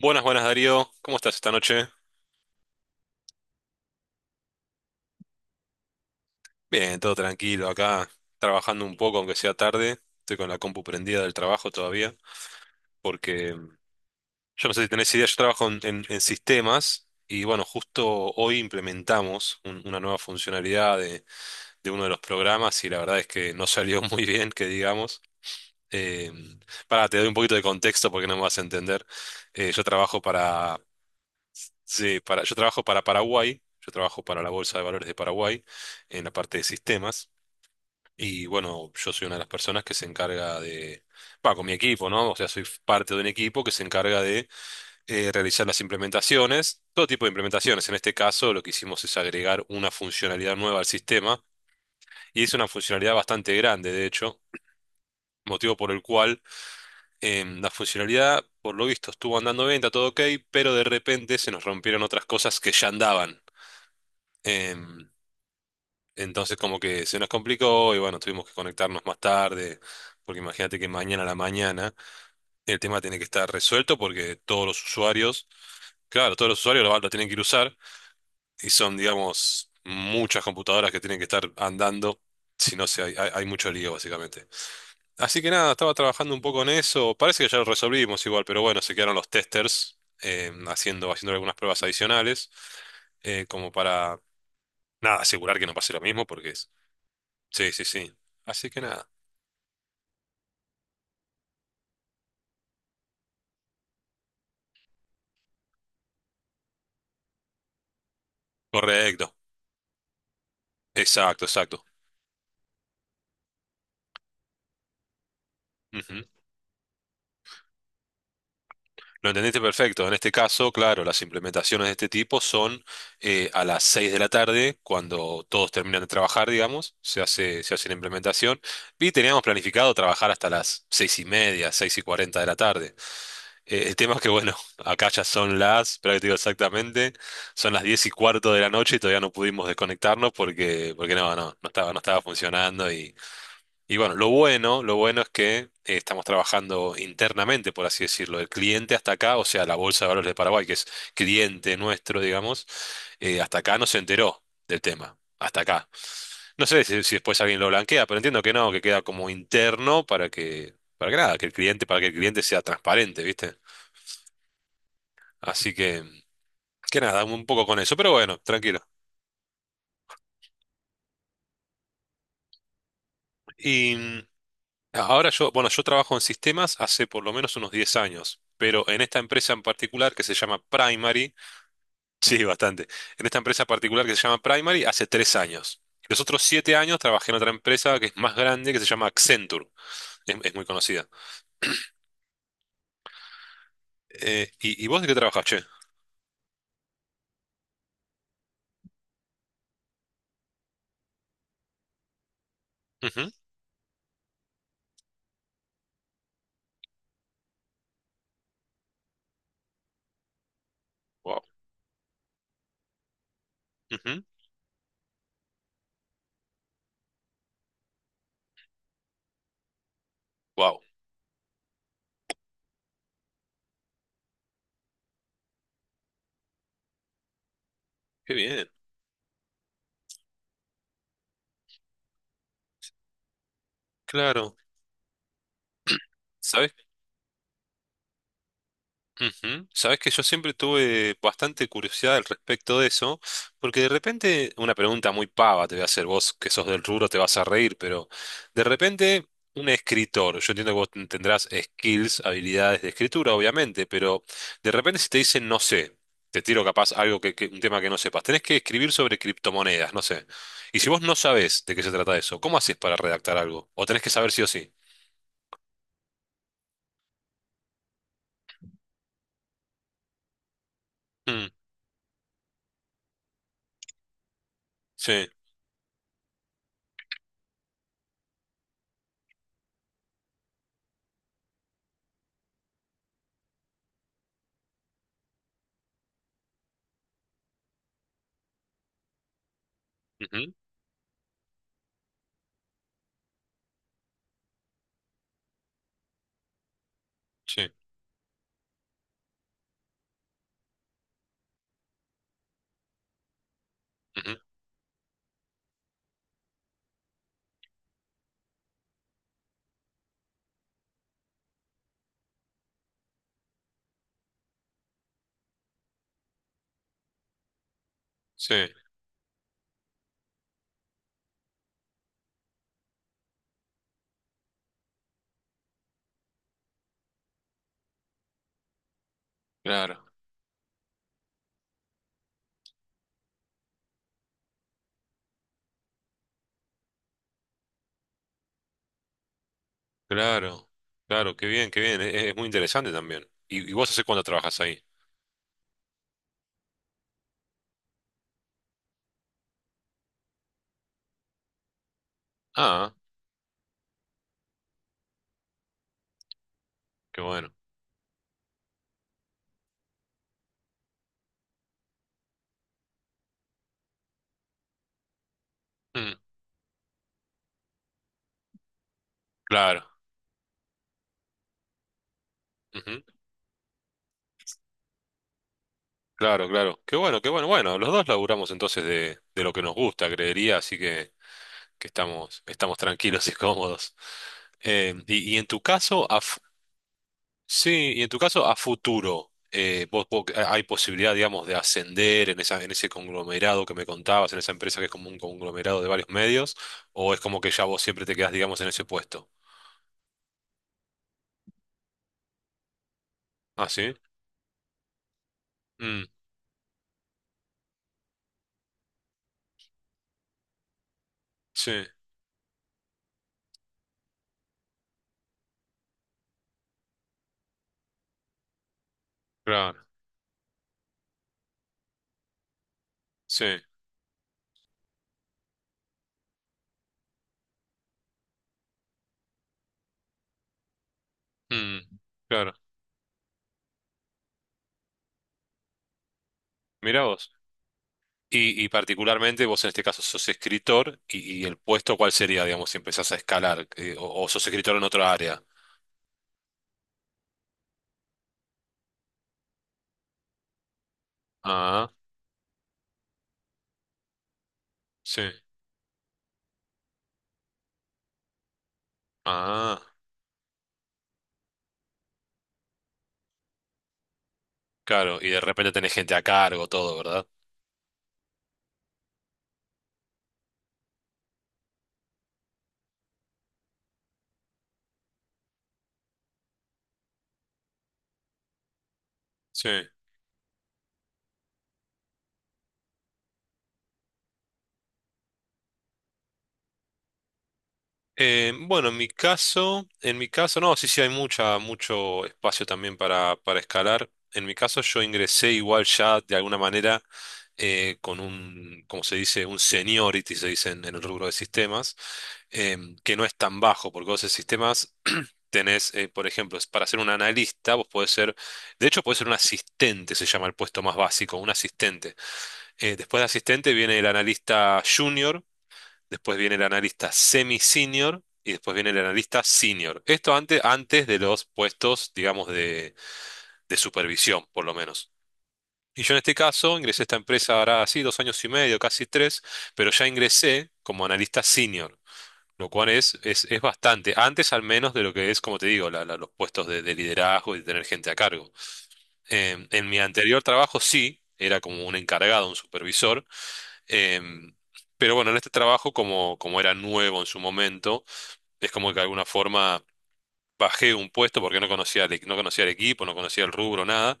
Buenas, buenas Darío, ¿cómo estás esta noche? Bien, todo tranquilo acá, trabajando un poco, aunque sea tarde. Estoy con la compu prendida del trabajo todavía, porque yo no sé si tenés idea, yo trabajo en sistemas y bueno, justo hoy implementamos una nueva funcionalidad de uno de los programas y la verdad es que no salió muy bien, que digamos. Eh, mm, pará, te doy un poquito de contexto porque no me vas a entender. Yo trabajo Sí, para, yo trabajo para Paraguay, yo trabajo para la Bolsa de Valores de Paraguay en la parte de sistemas y bueno, yo soy una de las personas que se encarga de, va, con mi equipo, ¿no? O sea, soy parte de un equipo que se encarga de realizar las implementaciones, todo tipo de implementaciones. En este caso, lo que hicimos es agregar una funcionalidad nueva al sistema y es una funcionalidad bastante grande, de hecho, motivo por el cual la funcionalidad, por lo visto, estuvo andando bien, está todo ok, pero de repente se nos rompieron otras cosas que ya andaban. Em, Entonces como que se nos complicó y bueno, tuvimos que conectarnos más tarde, porque imagínate que mañana a la mañana el tema tiene que estar resuelto porque todos los usuarios, claro, todos los usuarios lo tienen que ir a usar y son, digamos, muchas computadoras que tienen que estar andando, si no se hay mucho lío básicamente. Así que nada, estaba trabajando un poco en eso, parece que ya lo resolvimos igual, pero bueno, se quedaron los testers haciendo algunas pruebas adicionales eh, como para, nada, asegurar que no pase lo mismo, porque sí, sí, sí. Así que nada. Correcto. Exacto, exacto. Ujú. Lo entendiste perfecto. En este caso, claro, las implementaciones de este tipo son a las 6 de la tarde, cuando todos terminan de trabajar, digamos, se hace la implementación. Y teníamos planificado trabajar hasta las 6 y media, 6 y 40 de la tarde. El tema es que, bueno, acá ya son las, pero te digo exactamente, son las 10 y cuarto de la noche y todavía no pudimos desconectarnos porque no estaba funcionando. Y bueno, lo bueno es que estamos trabajando internamente, por así decirlo. El cliente hasta acá, o sea, la Bolsa de Valores de Paraguay, que es cliente nuestro, digamos, hasta acá no se enteró del tema. Hasta acá. No sé si después alguien lo blanquea, pero entiendo que no, que queda como interno para que nada, que el cliente, para que el cliente sea transparente, ¿viste? Así que nada, un poco con eso, pero bueno, tranquilo. Y ahora yo, bueno, yo trabajo en sistemas hace por lo menos unos 10 años, pero en esta empresa en particular que se llama Primary, sí, bastante, en esta empresa particular que se llama Primary hace 3 años. Los otros 7 años trabajé en otra empresa que es más grande, que se llama Accenture, es muy conocida. ¿Y vos de qué trabajás, che? Ujú. Wow, ujú, wow, qué bien, claro. ¿Sabés ujú? Sabes que yo siempre tuve bastante curiosidad al respecto de eso, porque de repente, una pregunta muy pava te voy a hacer, vos que sos del rubro te vas a reír, pero de repente un escritor, yo entiendo que vos tendrás skills, habilidades de escritura, obviamente, pero de repente si te dicen, no sé, te tiro capaz algo un tema que no sepas, tenés que escribir sobre criptomonedas, no sé. Y si vos no sabés de qué se trata eso, ¿cómo haces para redactar algo? ¿O tenés que saber sí o sí? Mm, sí, ujú, sí, ujú, sí, claro. Claro, claro, qué bien, qué bien. Es muy interesante también. ¿Y vos hace cuánto trabajas ahí? Ah, qué bueno. Mm, claro, ujú. Claro, claro. Qué bueno, qué bueno. Bueno, los dos laburamos entonces de lo que nos gusta, creería, así que estamos, estamos tranquilos y cómodos. Y en tu caso, a, fu- sí, y en tu caso, a futuro, ¿hay posibilidad, digamos, de ascender en esa, en ese conglomerado que me contabas, en esa empresa que es como un conglomerado de varios medios, o es como que ya vos siempre te quedás, digamos, en ese puesto? Ah, sí. Mm, sí, claro. Sí. mm, claro. Mirá vos. Y particularmente vos en este caso sos escritor y el puesto ¿cuál sería, digamos, si empezás a escalar? O sos escritor en otra área. Ah, sí. Ah, claro. Y de repente tenés gente a cargo, todo, ¿verdad? Sí. Bueno, en mi caso, no, sí, sí, hay mucha, mucho espacio también para escalar. En mi caso, yo ingresé igual ya de alguna manera con un, como se dice, un seniority, se dice en el rubro de sistemas, que no es tan bajo, porque vos en sistemas tenés, por ejemplo, es para ser un analista, vos podés ser, de hecho, podés ser un asistente, se llama el puesto más básico, un asistente. Después de asistente viene el analista junior, después viene el analista semi-senior y después viene el analista senior. Esto antes, antes de los puestos, digamos, de supervisión, por lo menos. Y yo en este caso ingresé a esta empresa ahora así dos años y medio, casi tres, pero ya ingresé como analista senior, lo cual es bastante, antes al menos de lo que es, como te digo, los puestos de liderazgo y de tener gente a cargo. En mi anterior trabajo sí, era como un encargado, un supervisor, em, pero bueno, en este trabajo, como, como era nuevo en su momento, es como que de alguna forma bajé un puesto porque no conocía, no conocía el equipo, no conocía el rubro, nada,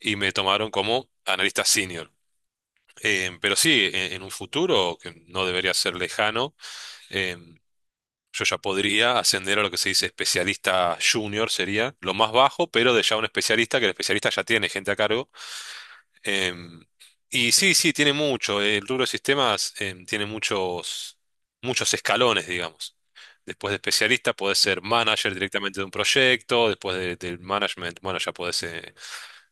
y me tomaron como analista senior. Pero sí, en un futuro que no debería ser lejano, em, yo ya podría ascender a lo que se dice especialista junior, sería lo más bajo, pero de ya un especialista, que el especialista ya tiene gente a cargo. Em, y sí, sí, tiene mucho. El rubro de sistemas, tiene muchos, muchos escalones, digamos. Después de especialista podés ser manager directamente de un proyecto, después del management, bueno, ya podés eh,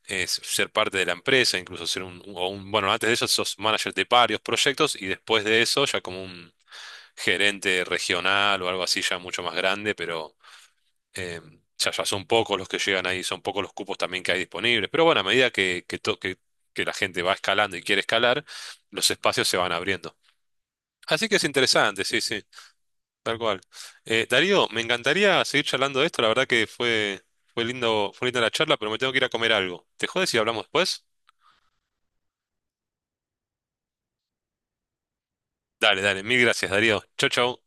eh, ser parte de la empresa, incluso ser un, o un- bueno, antes de eso sos manager de varios proyectos y después de eso ya como un gerente regional o algo así ya mucho más grande, pero... Eh, ya son pocos los que llegan ahí, son pocos los cupos también que hay disponibles. Pero bueno, a medida que, que la gente va escalando y quiere escalar, los espacios se van abriendo. Así que es interesante, sí, sí, tal cual. Darío, me encantaría seguir charlando de esto. La verdad que fue, fue lindo, fue linda la charla, pero me tengo que ir a comer algo. ¿Te jodes si hablamos después? Dale, dale, mil gracias, Darío. Chau, chau.